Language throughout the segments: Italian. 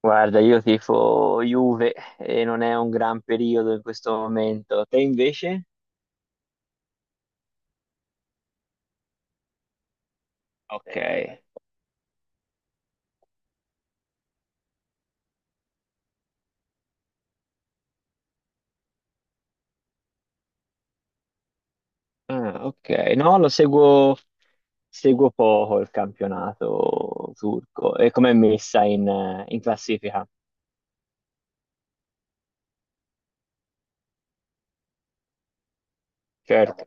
Guarda, io tifo Juve e non è un gran periodo in questo momento. Te invece? Ok, ah, ok. No, lo seguo, seguo poco il campionato turco e com'è messa in classifica. Certo,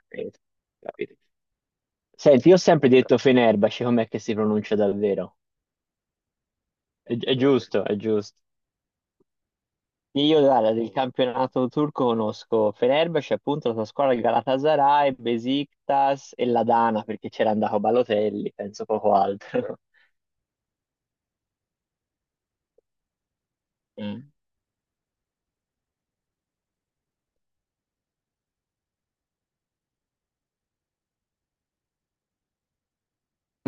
capito, capito. Senti, io ho sempre detto Fenerbahce, com'è che si pronuncia davvero? È giusto, è giusto. Io guarda, del campionato turco conosco Fenerbahce, appunto la sua squadra il Galatasaray, Besiktas e la Dana, perché c'era andato Balotelli, penso poco altro. Mm.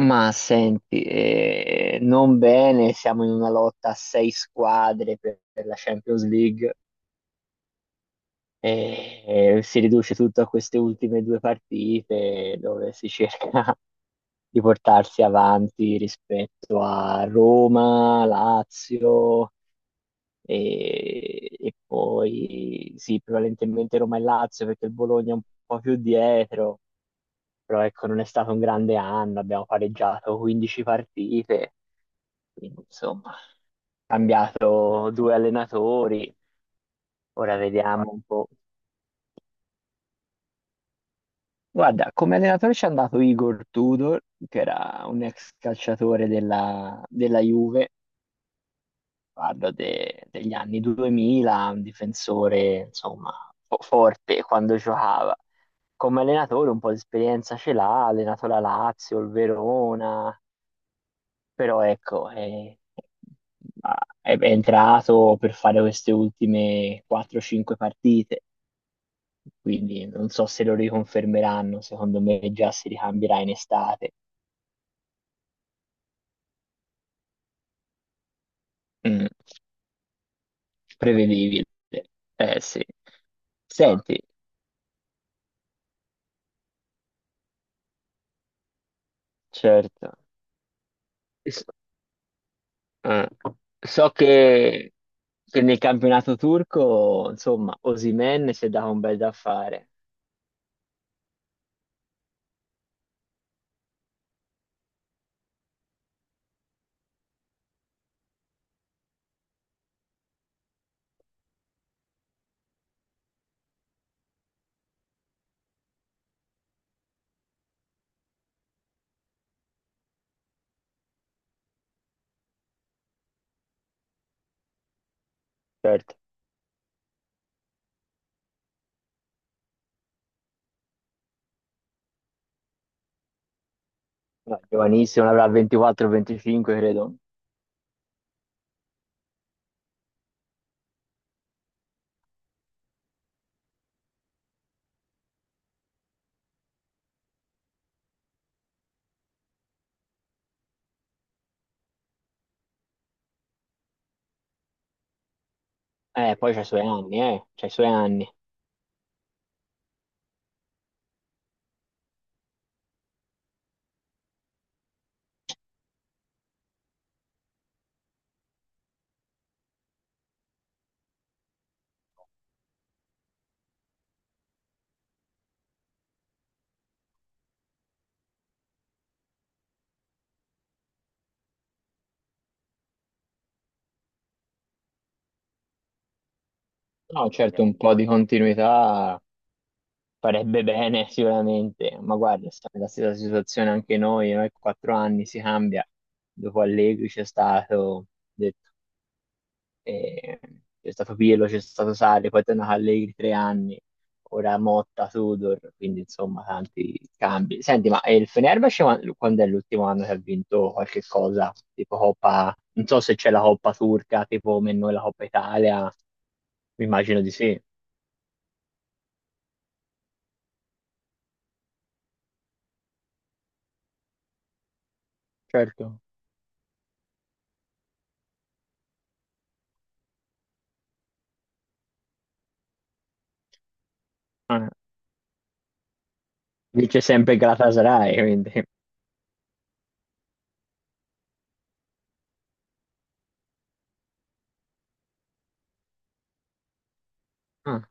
Ma senti, non bene, siamo in una lotta a sei squadre per la Champions League e, e si riduce tutto a queste ultime due partite dove si cerca di portarsi avanti rispetto a Roma, Lazio. E poi sì, prevalentemente Roma e Lazio perché il Bologna è un po' più dietro, però ecco, non è stato un grande anno, abbiamo pareggiato 15 partite, quindi insomma, cambiato due allenatori, ora vediamo un po'. Guarda, come allenatore ci è andato Igor Tudor, che era un ex calciatore della Juve, parlo degli anni 2000, un difensore, insomma, forte quando giocava. Come allenatore un po' di esperienza ce l'ha, ha allenato la Lazio, il Verona, però ecco, è entrato per fare queste ultime 4-5 partite, quindi non so se lo riconfermeranno, secondo me già si ricambierà in estate. Mm, prevedibile, eh sì. Senti, certo, S- eh, so che nel campionato turco, insomma, Osimhen si è dato un bel da fare. Certo, no, giovanissimo, ne avrà 24-25, credo. Poi c'ha i suoi anni, c'ha i suoi anni. No, certo, un po' di continuità farebbe bene sicuramente, ma guarda, siamo nella stessa situazione anche noi, 4 anni si cambia, dopo Allegri c'è stato, detto, e c'è stato Pirlo, c'è stato Sarri, poi è tornato Allegri 3 anni, ora Motta, Tudor, quindi insomma tanti cambi. Senti, ma il Fenerbahce quando è l'ultimo anno che ha vinto qualche cosa? Tipo Coppa, non so se c'è la Coppa turca, tipo come noi la Coppa Italia, mi immagino di sì. Certo, ah, vince sempre il Galatasaray, quindi... Ah,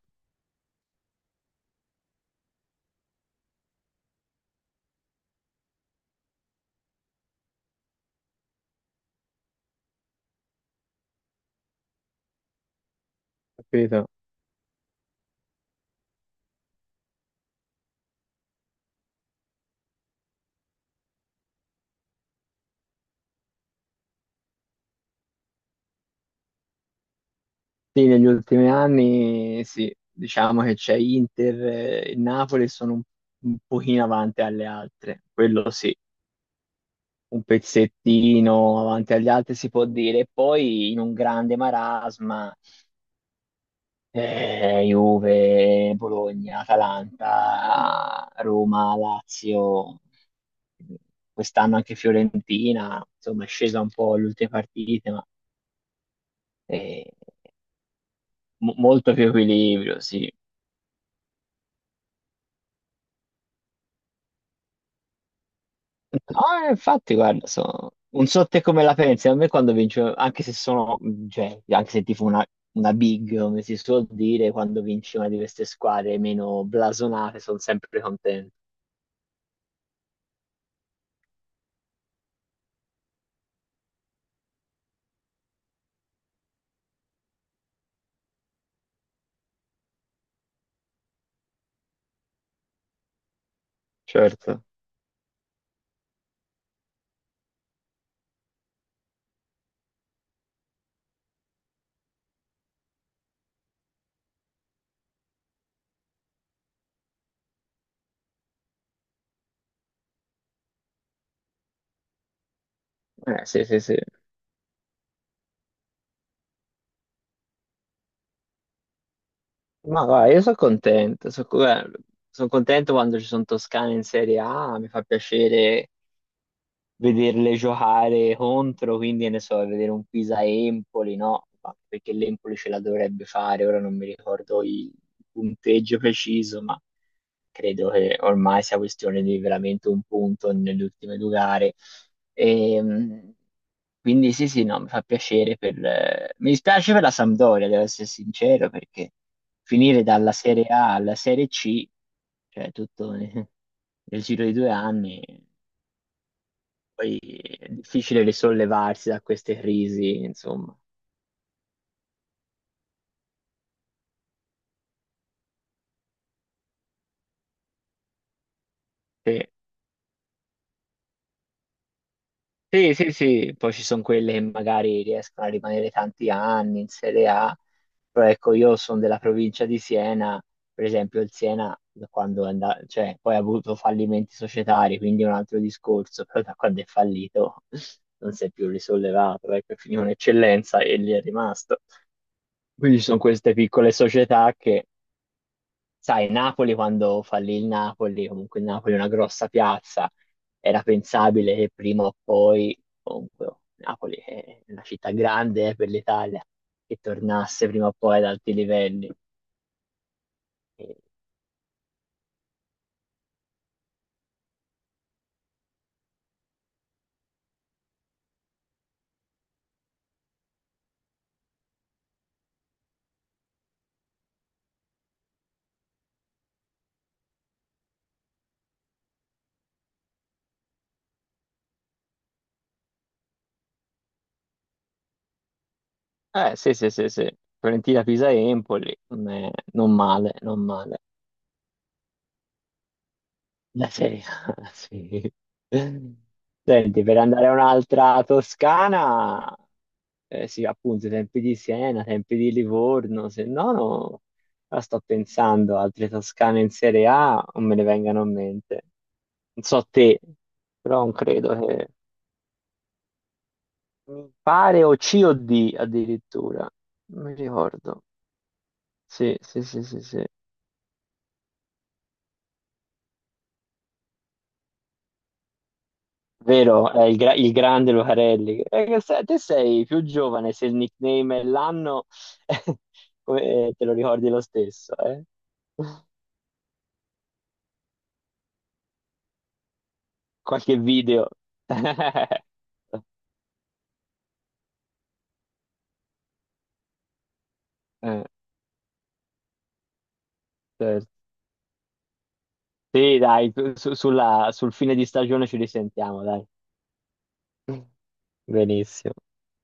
capito. Sì, negli ultimi anni sì, diciamo che c'è Inter e Napoli sono un, pochino avanti alle altre, quello sì, un pezzettino avanti agli altri si può dire, e poi in un grande marasma Juve, Bologna, Atalanta, Roma, Lazio, quest'anno anche Fiorentina, insomma è scesa un po' le ultime partite, ma eh, molto più equilibrio, sì. Ah, infatti, guarda, non so te come la pensi, a me quando vince, anche se sono, cioè, anche se tipo una big, come si suol dire, quando vince una di queste squadre meno blasonate, sono sempre contento. Certo. Sì, sì, sì. Ma guarda, io sono contento quando ci sono Toscane in Serie A, mi fa piacere vederle giocare contro, quindi che ne so, vedere un Pisa-Empoli, no? Ma perché l'Empoli ce la dovrebbe fare, ora non mi ricordo il punteggio preciso, ma credo che ormai sia questione di veramente un punto nelle ultime due gare. Ehm, quindi sì, sì, no, mi fa piacere. Mi dispiace per la Sampdoria, devo essere sincero, perché finire dalla Serie A alla Serie C, cioè tutto nel giro di 2 anni, poi è difficile risollevarsi da queste crisi, insomma. Sì, sì, sì, sì. Poi ci sono quelle che magari riescono a rimanere tanti anni in Serie A, però ecco, io sono della provincia di Siena, per esempio il Siena, da quando è andato, cioè, poi ha avuto fallimenti societari, quindi è un altro discorso, però da quando è fallito non si è più risollevato, ecco, è finito un'eccellenza e lì è rimasto. Quindi ci sono queste piccole società che sai, Napoli quando fallì il Napoli, comunque il Napoli è una grossa piazza, era pensabile che prima o poi, comunque oh, Napoli è una città grande per l'Italia, che tornasse prima o poi ad alti livelli. E- sì, sì, sì, sì. Fiorentina, Pisa e Empoli. Mm, non male, non male. La Serie A, sì. Senti, per andare a un'altra Toscana, eh sì, appunto, i tempi di Siena, i tempi di Livorno, se no, no, ora sto pensando, altre Toscane in Serie A non me ne vengano a mente. Non so te, però non credo che... Mi pare o C o D addirittura, non mi ricordo. Sì, sì, sì, sì, sì. Vero, è il grande Lucarelli. Che te sei più giovane, se il nickname è l'anno, te lo ricordi lo stesso, eh? Qualche video. Eh, certo. Sì, dai, sul fine di stagione ci risentiamo, dai. Benissimo.